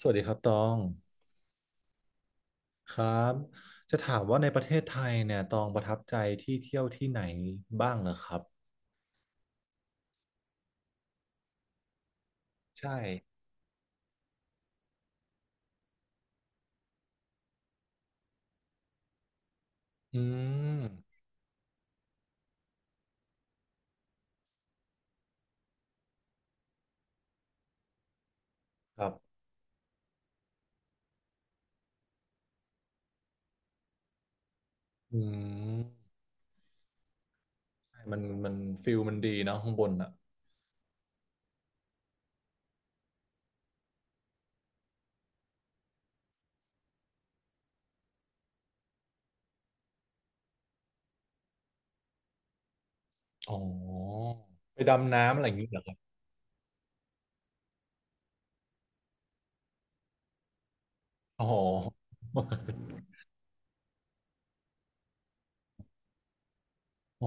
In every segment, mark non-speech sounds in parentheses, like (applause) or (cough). สวัสดีครับตองครับจะถามว่าในประเทศไทยเนี่ยตองประทับใจที่เที่ยวที่ไหนบ้างเหรอครับใช่อืมครับอืมใช่มันฟิลมันดีเนอะข้างบนอ่ะอ๋อไปดำน้ำอะไรอย่างนี้เหรอครับอ๋ออ๋อ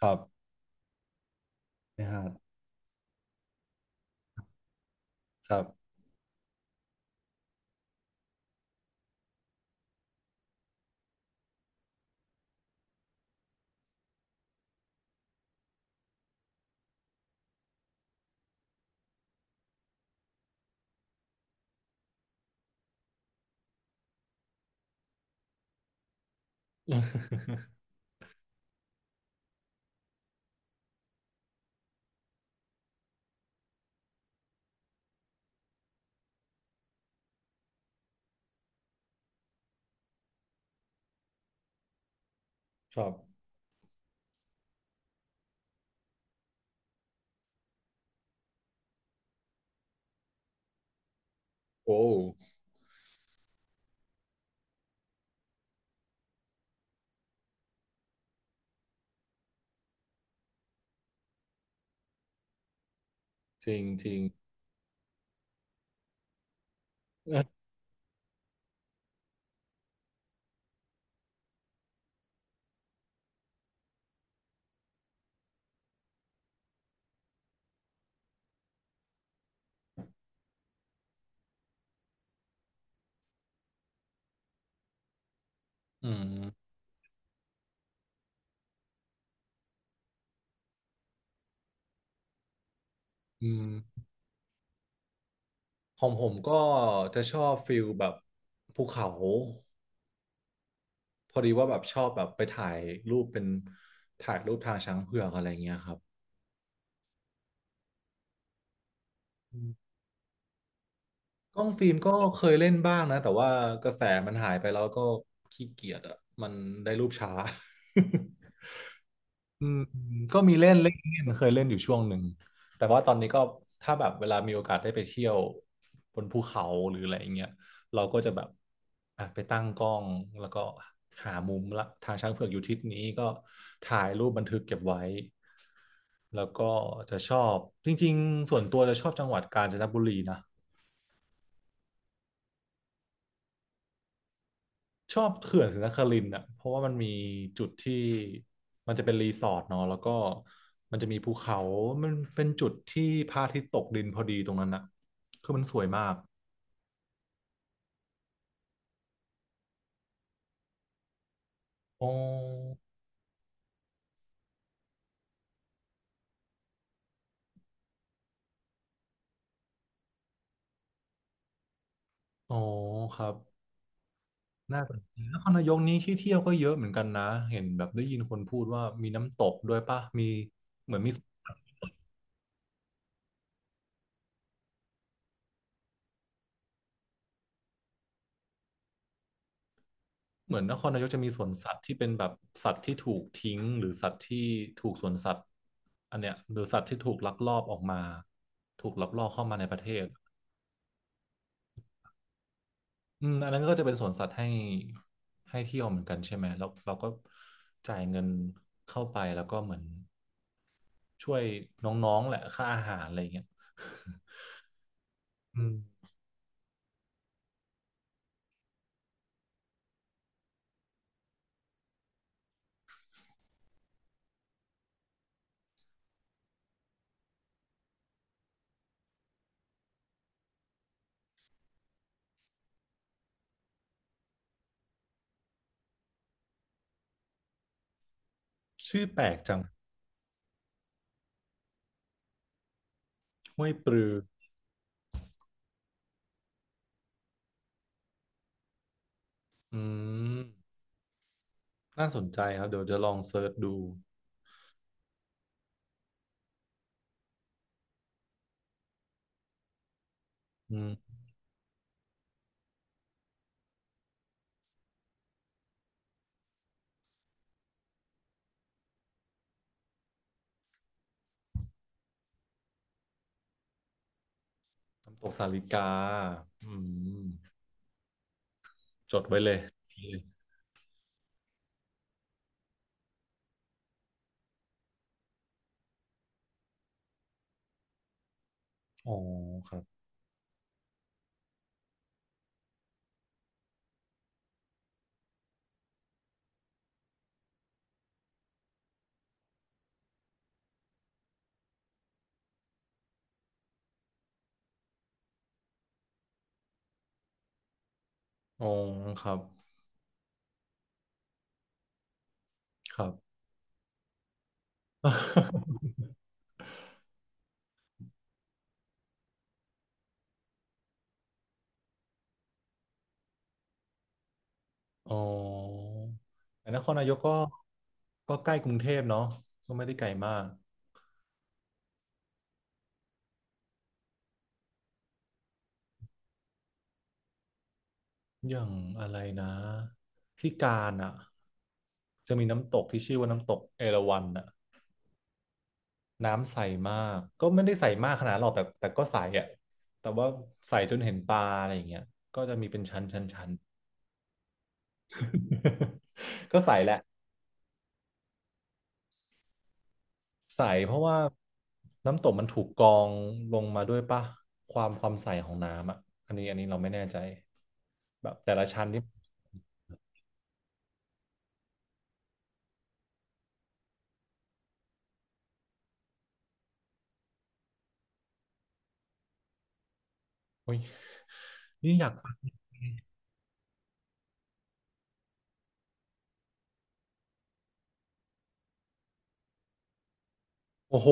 ครับนะฮะครับ (laughs) ครับโอ้จริงจริงอืมอืมของผมก็จะชอบฟิลแบบภูเขา พอดีว่าแบบชอบแบบไปถ่ายรูปเป็นถ่ายรูปทางช้างเผือกอะไรเงี้ยครับอืมกล้องฟิล์มก็เคยเล่นบ้างนะแต่ว่ากระแสมันหายไปแล้วก็ขี้เกียจอ่ะมันได้รูปช้าอืม (laughs) ก็มีเล่นเล่นเล่นเคยเล่นอยู่ช่วงหนึ่งแต่ว่าตอนนี้ก็ถ้าแบบเวลามีโอกาสได้ไปเที่ยวบนภูเขาหรืออะไรอย่างเงี้ยเราก็จะแบบอ่ะไปตั้งกล้องแล้วก็หามุมละทางช้างเผือกอยู่ทิศนี้ก็ถ่ายรูปบันทึกเก็บไว้ แล้วก็จะชอบจริงๆส่วนตัวจะชอบจังหวัดกาญจนบุรีนะชอบเขื่อนศรีนครินทร์อ่ะเพราะว่ามันมีจุดที่มันจะเป็นรีสอร์ทเนาะแล้วก็มันจะมีภูเขามันเป็นจุดที่พระอาทิตย์ตกดินพอดีตรงนั้นอ่ะคือมันสวยมากอ๋ออ๋อครับน่าสนใจนครนายกนี้ที่เที่ยวก็เยอะเหมือนกันนะเห็นแบบได้ยินคนพูดว่ามีน้ำตกด้วยป่ะมี เหมือนนครนายกจะมีสวนสัตว์ที่เป็นแบบสัตว์ที่ถูกทิ้งหรือสัตว์ที่ถูกสวนสัตว์อันเนี้ยหรือสัตว์ที่ถูกลักลอบออกมาถูกลักลอบเข้ามาในประเทศอืมอันนั้นก็จะเป็นสวนสัตว์ให้ให้เที่ยวเหมือนกันใช่ไหมแล้วเราก็จ่ายเงินเข้าไปแล้วก็เหมือนช่วยน้องๆแหละค่าอาหารอะไรอย่างเงี้ย (laughs) อืมชื่อแปลกจังห้วยปลืออืมน่าสนใจครับเดี๋ยวจะลองเซิร์ชดูอืมน้ำตกสาลิกาอืม จดไว้เลยอ๋อครับอ๋อครับ ครับ (laughs) อ๋อแต่นครนายกก็ใกล้กรุงเทพเนาะก็ไม่ได้ไกลมาก อย่างอะไรนะที่กาญอ่ะจะมีน้ำตกที่ชื่อว่าน้ำตกเอราวัณน่ะน้ำใสมาก ก็ไม่ได้ใสมากขนาดนั้นหรอกแต่ก็ใสอ่ะแต่ว่าใสจนเห็นปลาอะไรอย่างเงี้ย (laughs) ก็ใสแหละ ใสเพราะว่าน้ำตกมันถูกกรองลงมาด้วยป่ะความใสของน้ำอ่ะอันนี้เราไม่แน่ใจแบบแต่ละชั้นนี่โอ้ยนี่อยากฟังโอ้โห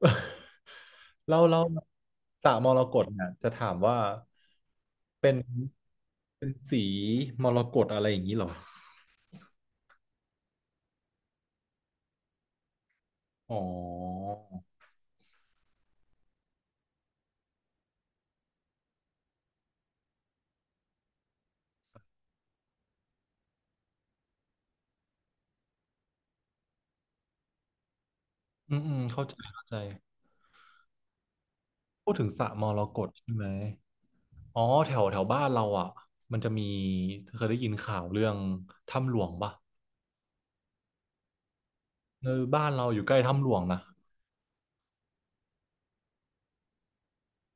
(laughs) เราสระมรกตเนี่ยจะถามว่าเป็นเป็นสีมรกตอะไรอย่างนี้เหรออ๋ออืมอืมเข้าใจเข้าใจพูดถึงสระมรกตใช่ไหมอ๋อแถวแถวบ้านเราอ่ะมันจะมีเคยได้ยินข่าวเรื่องถ้ำหลวงปะ เออบ้านเราอยู่ใกล้ถ้ำหลวงนะ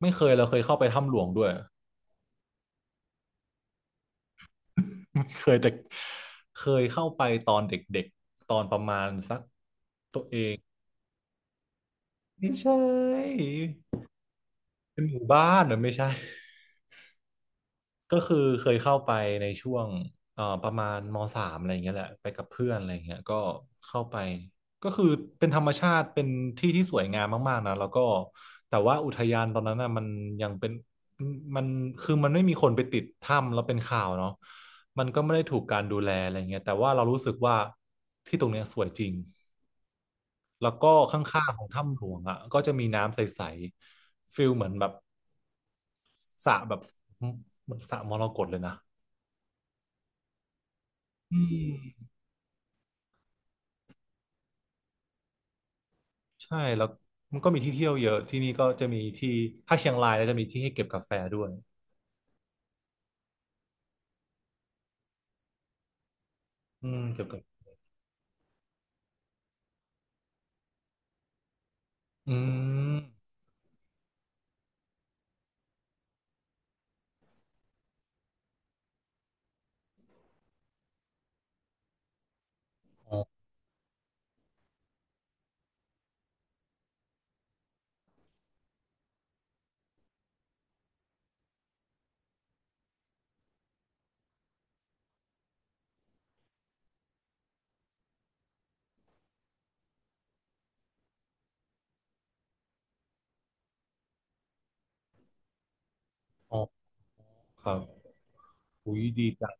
ไม่เคยเราเคยเข้าไปถ้ำหลวงด้วย (laughs) เคยแต่เคยเข้าไปตอนเด็กๆตอนประมาณสักตัวเองไม่ใช่เป็นหมู่บ้านเหรอไม่ใช่ ก็คือเคยเข้าไปในช่วงประมาณมสามอะไรอย่างเงี้ยแหละไปกับเพื่อนอะไรอย่างเงี้ยก็เข้าไปก็คือเป็นธรรมชาติเป็นที่ที่สวยงามมากๆนะแล้วก็แต่ว่าอุทยานตอนนั้นน่ะมันยังเป็นมันมันไม่มีคนไปติดถ้ำแล้วเป็นข่าวเนาะมันก็ไม่ได้ถูกการดูแลอะไรเงี้ยแต่ว่าเรารู้สึกว่าที่ตรงเนี้ยสวยจริงแล้วก็ข้างๆของถ้ำหลวงอ่ะก็จะมีน้ำใสๆฟิลเหมือนแบบสระแบบเหมือนสระมรกตเลยนะอืม ใช่แล้วมันก็มีที่เที่ยวเยอะที่นี่ก็จะมีที่ถ้าเชียงรายแล้วจะมีที่ให้เก็บกาแฟด้วยอืมเก็บกาแฟอืมอ๋ออ๋อครับอุ้ยดีจัง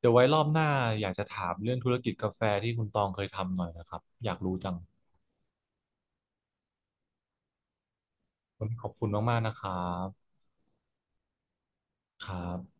เดี๋ยวไว้รอบหน้าอยากจะถามเรื่องธุรกิจกาแฟที่คุณตองเคยทำหน่อยนะครับอยากรู้จังวันนี้ขอบคุณมากๆนะครับครับ